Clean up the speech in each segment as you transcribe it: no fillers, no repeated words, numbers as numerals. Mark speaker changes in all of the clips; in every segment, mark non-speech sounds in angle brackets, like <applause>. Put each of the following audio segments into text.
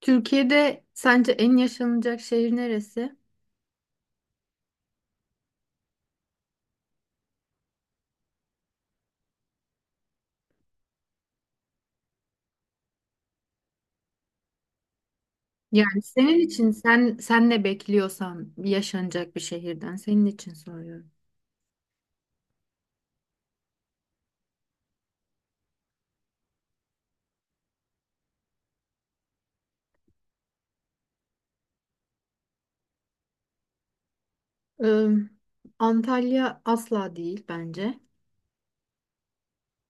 Speaker 1: Türkiye'de sence en yaşanacak şehir neresi? Yani senin için sen ne bekliyorsan yaşanacak bir şehirden senin için soruyorum. Ee, Antalya asla değil bence.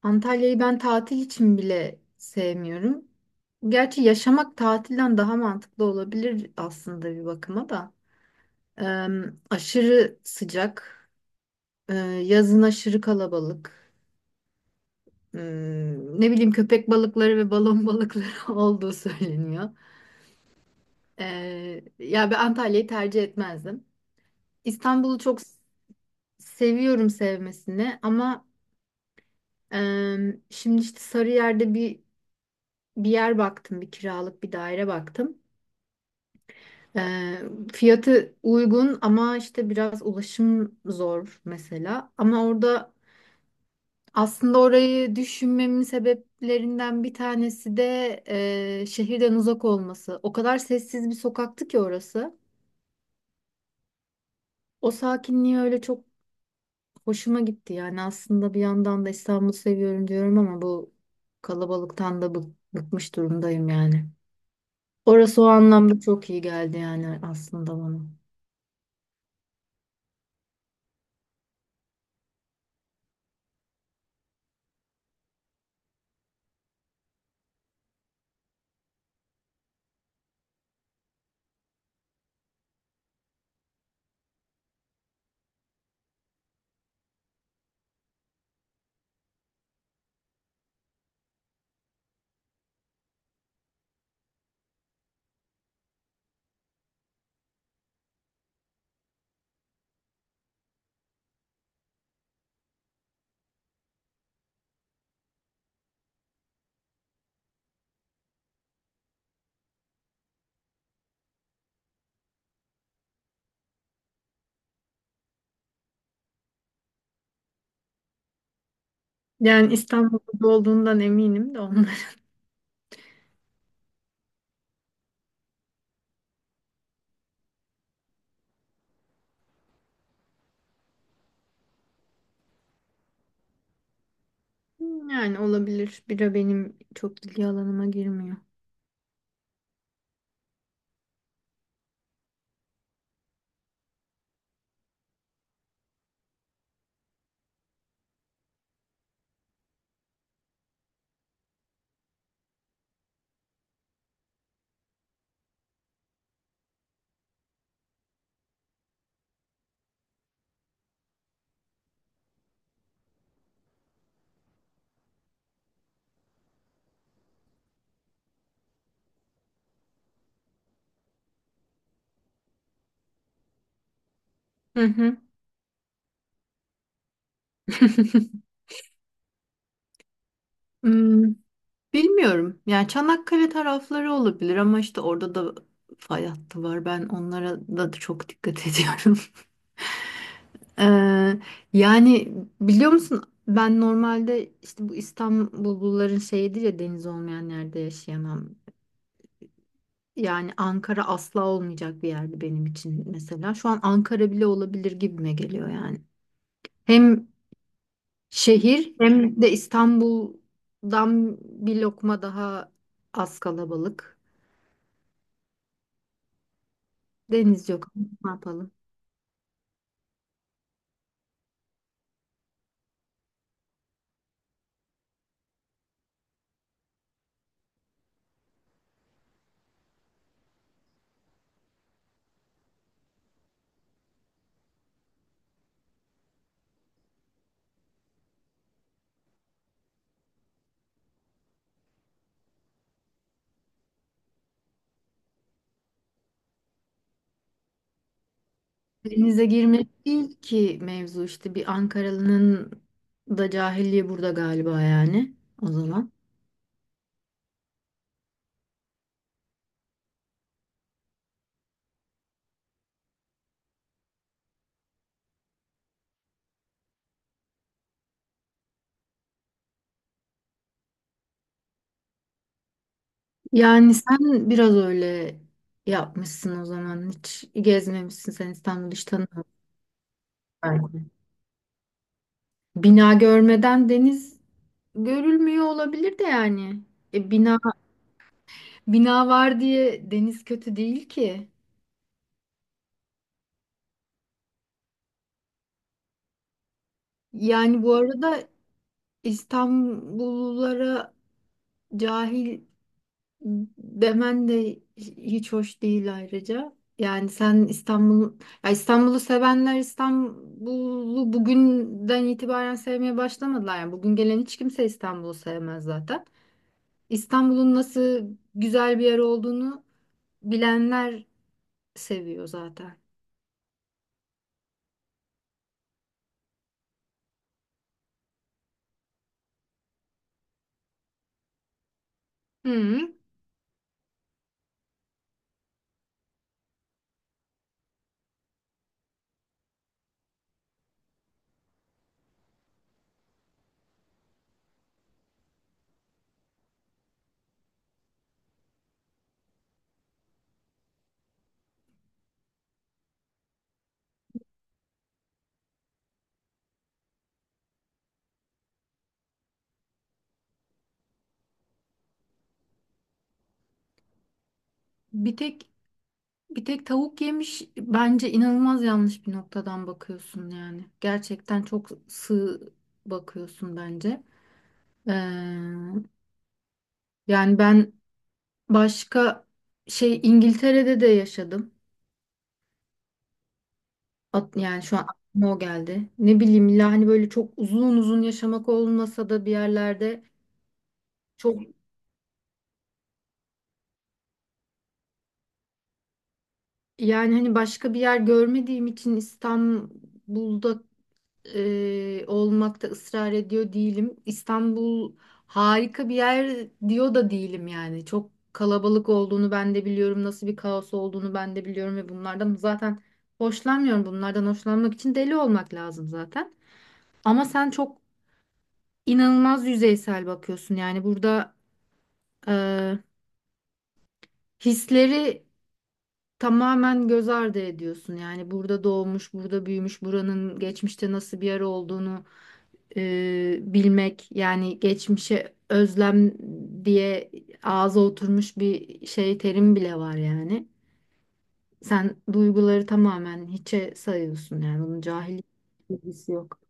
Speaker 1: Antalya'yı ben tatil için bile sevmiyorum. Gerçi yaşamak tatilden daha mantıklı olabilir aslında bir bakıma da. Ee, aşırı sıcak, ee, yazın aşırı kalabalık. Hmm, ne bileyim köpek balıkları ve balon balıkları <laughs> olduğu söyleniyor. Ya ben Antalya'yı tercih etmezdim. İstanbul'u çok s- seviyorum sevmesini ama şimdi işte Sarıyer'de bir yer baktım, bir kiralık bir daire baktım. Ee, fiyatı uygun ama işte biraz ulaşım zor mesela. Ama orada aslında orayı düşünmemin sebeplerinden bir tanesi de şehirden uzak olması. O kadar sessiz bir sokaktı ki orası. O sakinliği öyle çok hoşuma gitti. Yani aslında bir yandan da İstanbul'u seviyorum diyorum ama bu bıkmış durumdayım yani. Orası o anlamda çok iyi geldi yani aslında bana. Yani İstanbul'da olduğundan eminim de ondan. <laughs> Yani olabilir. Bira benim çok ilgi alanıma girmiyor. Hı hı. <laughs> Hmm. Bilmiyorum. Yani Çanakkale tarafları olabilir ama işte orada da fay hattı var. Ben onlara da çok dikkat <laughs> ediyorum. Ee, yani biliyor musun ben normalde işte bu İstanbulluların şeyidir ya deniz olmayan yerde yaşayamam. Yani Ankara asla olmayacak bir yerdi benim için mesela. Şu an Ankara bile olabilir gibime geliyor yani. Hem şehir hem de İstanbul'dan bir lokma daha az kalabalık. Deniz yok. Ne yapalım? Denize girmek değil ki mevzu, işte bir Ankaralı'nın da cahilliği burada galiba yani o zaman. Yani sen biraz öyle yapmışsın o zaman. Hiç gezmemişsin sen, İstanbul'u hiç tanımıyorsun belki. Bina görmeden deniz görülmüyor olabilir de yani. E, bina bina var diye deniz kötü değil ki. Yani bu arada İstanbullulara cahil demen de hiç hoş değil ayrıca. Yani sen İstanbul, ya İstanbul'u sevenler İstanbul'u bugünden itibaren sevmeye başlamadılar. Yani bugün gelen hiç kimse İstanbul'u sevmez zaten. İstanbul'un nasıl güzel bir yer olduğunu bilenler seviyor zaten. Hı. Bir tek bir tek tavuk yemiş bence, inanılmaz yanlış bir noktadan bakıyorsun yani. Gerçekten çok sığ bakıyorsun bence. Ee, Yani ben başka şey İngiltere'de de yaşadım. Yani şu an aklıma o geldi. Ne bileyim, illa hani böyle çok uzun uzun yaşamak olmasa da bir yerlerde çok, yani hani başka bir yer görmediğim için İstanbul'da olmakta ısrar ediyor değilim. İstanbul harika bir yer diyor da değilim yani. Çok kalabalık olduğunu ben de biliyorum. Nasıl bir kaos olduğunu ben de biliyorum ve bunlardan zaten hoşlanmıyorum. Bunlardan hoşlanmak için deli olmak lazım zaten. Ama sen çok inanılmaz yüzeysel bakıyorsun. Yani burada e, hisleri tamamen göz ardı ediyorsun. Yani burada doğmuş, burada büyümüş, buranın geçmişte nasıl bir yer olduğunu bilmek, yani geçmişe özlem diye ağza oturmuş bir şey, terim bile var yani. Sen duyguları tamamen hiçe sayıyorsun yani, bunun cahillik bilgisi yok.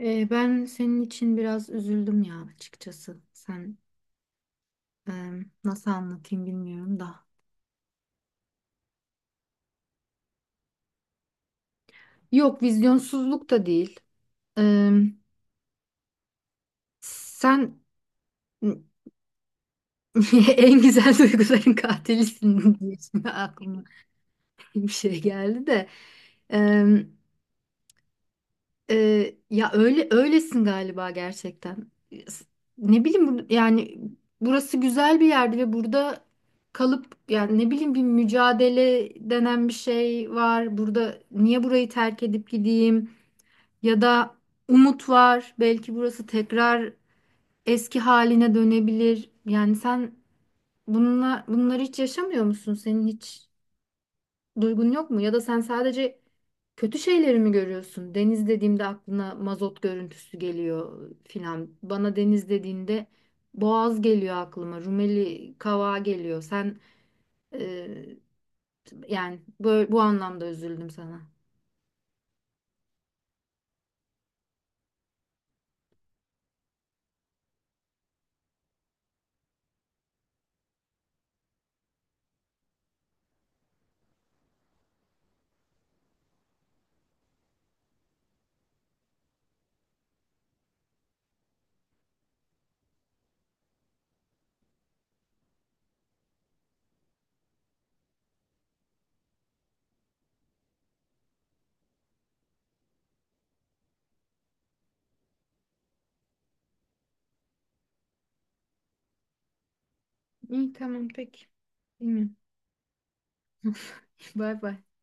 Speaker 1: Ben senin için biraz üzüldüm ya açıkçası. Sen e, nasıl anlatayım bilmiyorum da. Yok, vizyonsuzluk da değil. E, sen <laughs> en güzel duyguların katilisin diye şimdi aklıma bir şey geldi de. Em, ya öyle öylesin galiba gerçekten. S- Ne bileyim yani burası güzel bir yerdi ve burada kalıp, yani ne bileyim bir mücadele denen bir şey var. Burada niye burayı terk edip gideyim, ya da umut var. Belki burası tekrar eski haline dönebilir. Yani sen bununla bunları hiç yaşamıyor musun? Senin hiç duygun yok mu? Ya da sen sadece kötü şeyleri mi görüyorsun? Deniz dediğimde aklına mazot görüntüsü geliyor filan. Bana deniz dediğinde boğaz geliyor aklıma. Rumeli Kavağı geliyor. Sen e, yani böyle, bu anlamda üzüldüm sana. İyi, tamam, peki. Bilmiyorum. <laughs> Bay bay.